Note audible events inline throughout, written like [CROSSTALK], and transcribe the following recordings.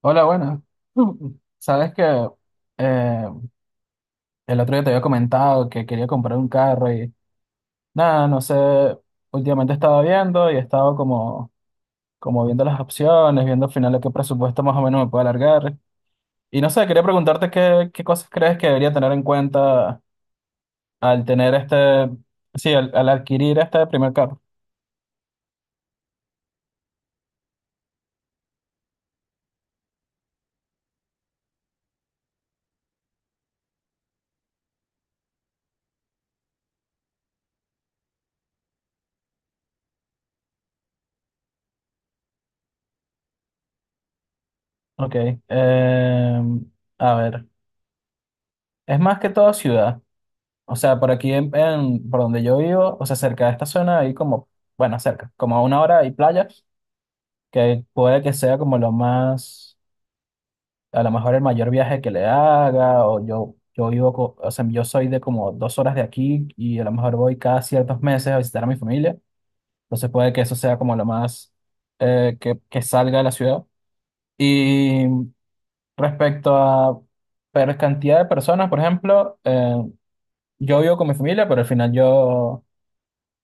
Hola, bueno. [LAUGHS] Sabes que eh, el otro día te había comentado que quería comprar un carro y nada, no sé, últimamente estaba viendo y he estado como, como viendo las opciones, viendo al final a qué presupuesto más o menos me puedo alargar. Y no sé, quería preguntarte qué cosas crees que debería tener en cuenta al tener este, sí, al adquirir este primer carro. Ok, a ver, es más que todo ciudad. O sea, por aquí, por donde yo vivo, o sea, cerca de esta zona hay como, bueno, cerca, como a una hora hay playas, que puede que sea como lo más, a lo mejor el mayor viaje que le haga, o yo vivo, o sea, yo soy de como dos horas de aquí y a lo mejor voy cada ciertos meses a visitar a mi familia, entonces puede que eso sea como lo más que salga de la ciudad. Y respecto a per cantidad de personas, por ejemplo, yo vivo con mi familia, pero al final yo...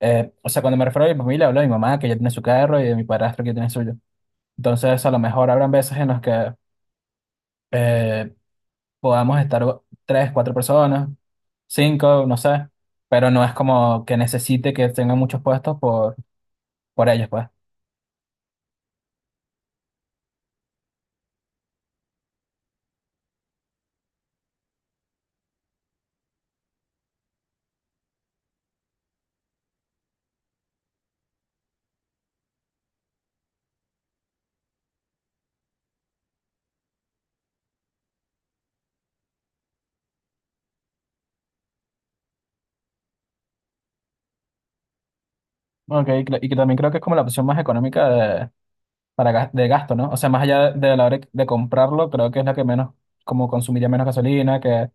O sea, cuando me refiero a mi familia, hablo de mi mamá, que ya tiene su carro, y de mi padrastro, que tiene suyo. Entonces, a lo mejor habrán veces en las que eh, podamos estar tres, cuatro personas, cinco, no sé, pero no es como que necesite que tengan muchos puestos por ellos, pues. Ok, y y que también creo que es como la opción más económica para de gasto, ¿no? O sea, más allá de la hora de comprarlo, creo que es la que menos, como consumiría menos gasolina, que,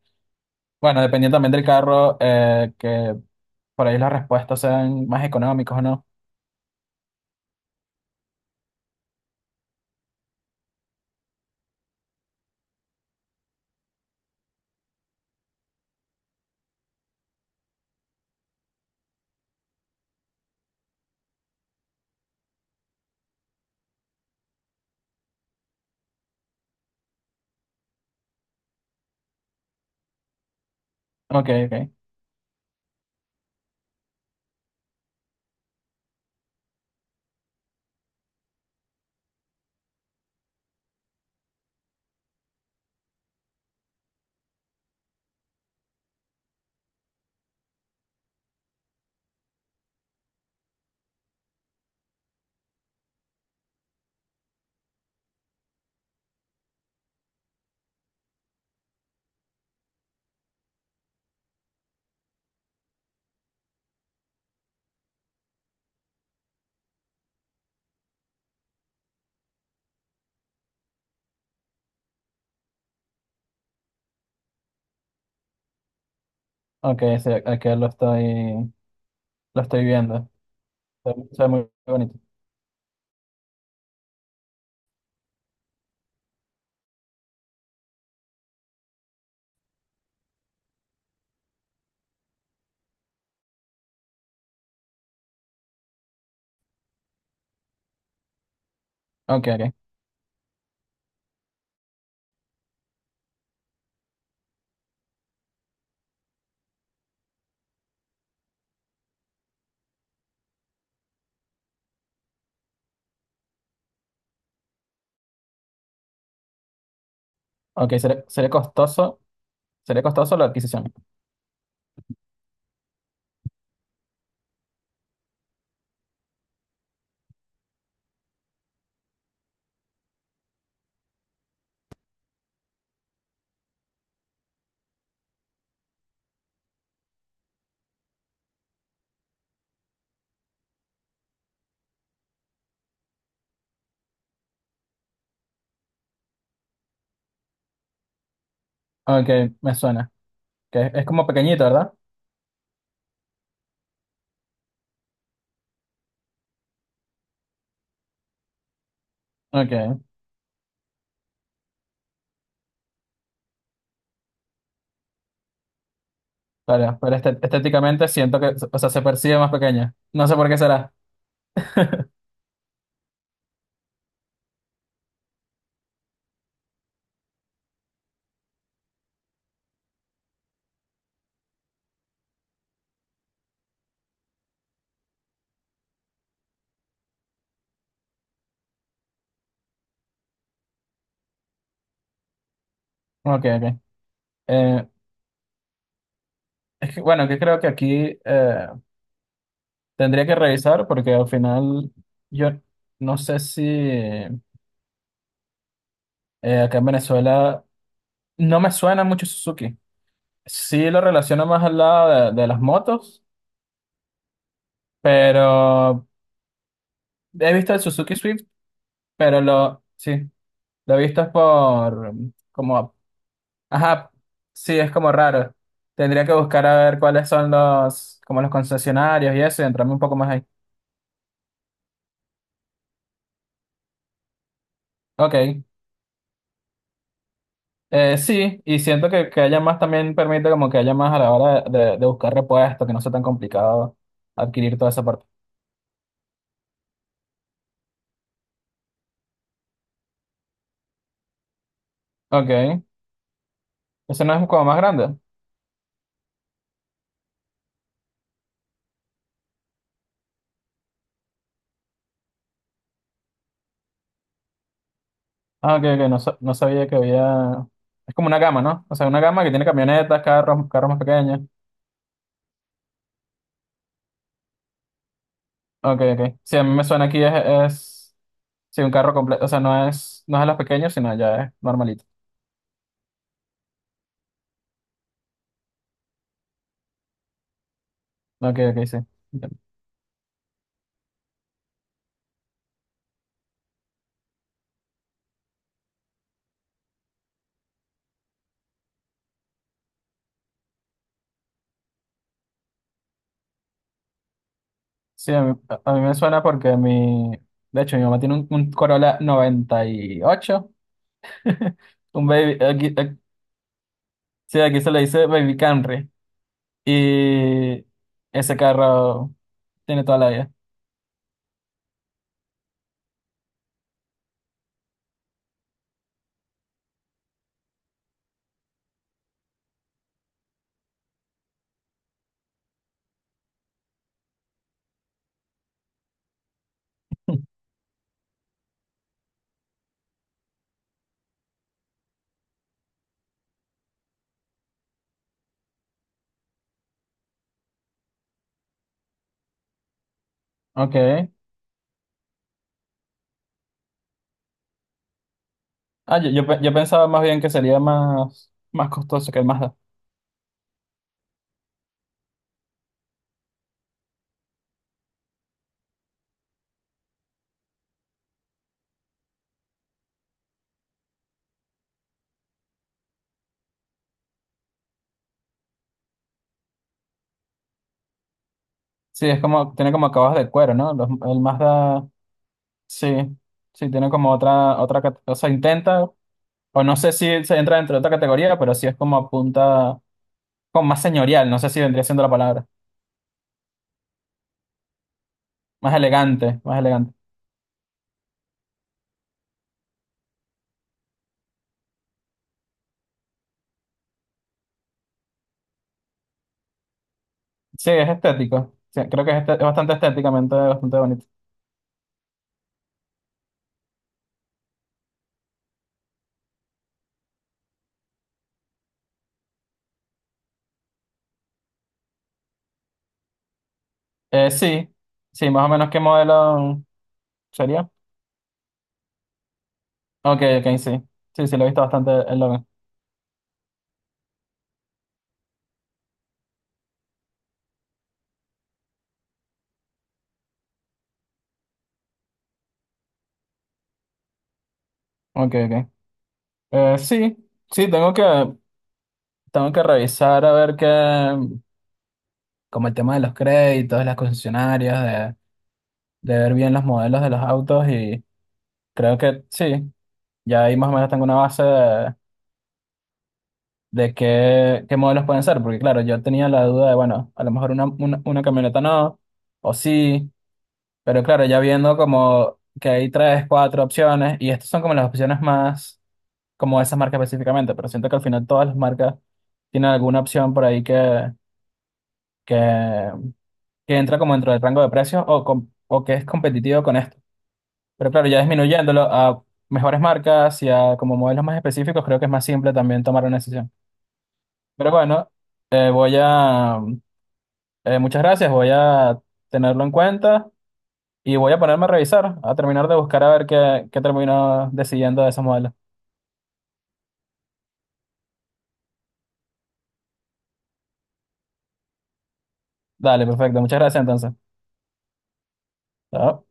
bueno, dependiendo también del carro, que por ahí las respuestas sean más económicas o no. Ok, ok. Ok, sí, lo estoy viendo. Se ve muy bonito. Ok, ok. Ok, sería costoso. Sería costoso la adquisición. Ok, me suena. Que es como pequeñito, ¿verdad? Ok, claro, pero estéticamente siento que, o sea, se percibe más pequeña. No sé por qué será. [LAUGHS] Ok, ok. Eh, es que, bueno, que creo que aquí tendría que revisar porque al final yo no sé si acá en Venezuela no me suena mucho Suzuki. Sí lo relaciono más al lado de las motos, pero he visto el Suzuki Swift, sí, lo he visto es por, como, ajá, sí, es como raro. Tendría que buscar a ver cuáles son los, como los concesionarios y eso, y entrarme un poco más ahí. Ok, sí, y siento que haya más también permite como que haya más a la hora de buscar repuestos, que no sea tan complicado adquirir toda esa parte. Ok, ¿eso no es como más grande? Ah, ok, ok, no, no sabía que había... Es como una gama, ¿no? O sea, una gama que tiene camionetas, carros, carros más pequeños. Ok, ok. Sí, a mí me suena aquí es... Sí, un carro completo, o sea, no es de los pequeños, sino ya es normalito. Ok, ok, sí. Entiendo. Sí, a mí me suena porque mi... De hecho, mi mamá tiene un Corolla 98. [LAUGHS] Un baby... sí, aquí se le dice Baby Camry. Y ese carro tiene toda la vida. Ok. Ah, yo pensaba más bien que sería más costoso que el Mazda. Sí, es como, tiene como acabados de cuero, ¿no? El Mazda, sí, sí, tiene como otra, o sea, intenta, o no sé si se entra dentro de otra categoría, pero sí es como apunta, como más señorial, no sé si vendría siendo la palabra, más elegante, más elegante. Sí, es estético, sí, creo que es, es bastante estéticamente, bastante bonito. Sí, sí, más o menos qué modelo sería. Ok, ok, sí, sí, lo he visto bastante el logo. Ok, ok. Sí, sí, tengo que, tengo que revisar a ver qué, como el tema de los créditos, de las concesionarias, de ver bien los modelos de los autos y creo que sí, ya ahí más o menos tengo una base de, qué modelos pueden ser, porque claro, yo tenía la duda de, bueno, a lo mejor una camioneta no, o sí, pero claro, ya viendo como que hay tres, cuatro opciones y estas son como las opciones más, como esas marcas específicamente, pero siento que al final todas las marcas tienen alguna opción por ahí que, que entra como dentro del rango de precios o, o que es competitivo con esto. Pero claro, ya disminuyéndolo a mejores marcas y a como modelos más específicos, creo que es más simple también tomar una decisión. Pero bueno, eh, voy a, muchas gracias, voy a tenerlo en cuenta y voy a ponerme a revisar, a terminar de buscar a ver qué, qué termino decidiendo de esos modelos. Dale, perfecto, muchas gracias entonces. Chao.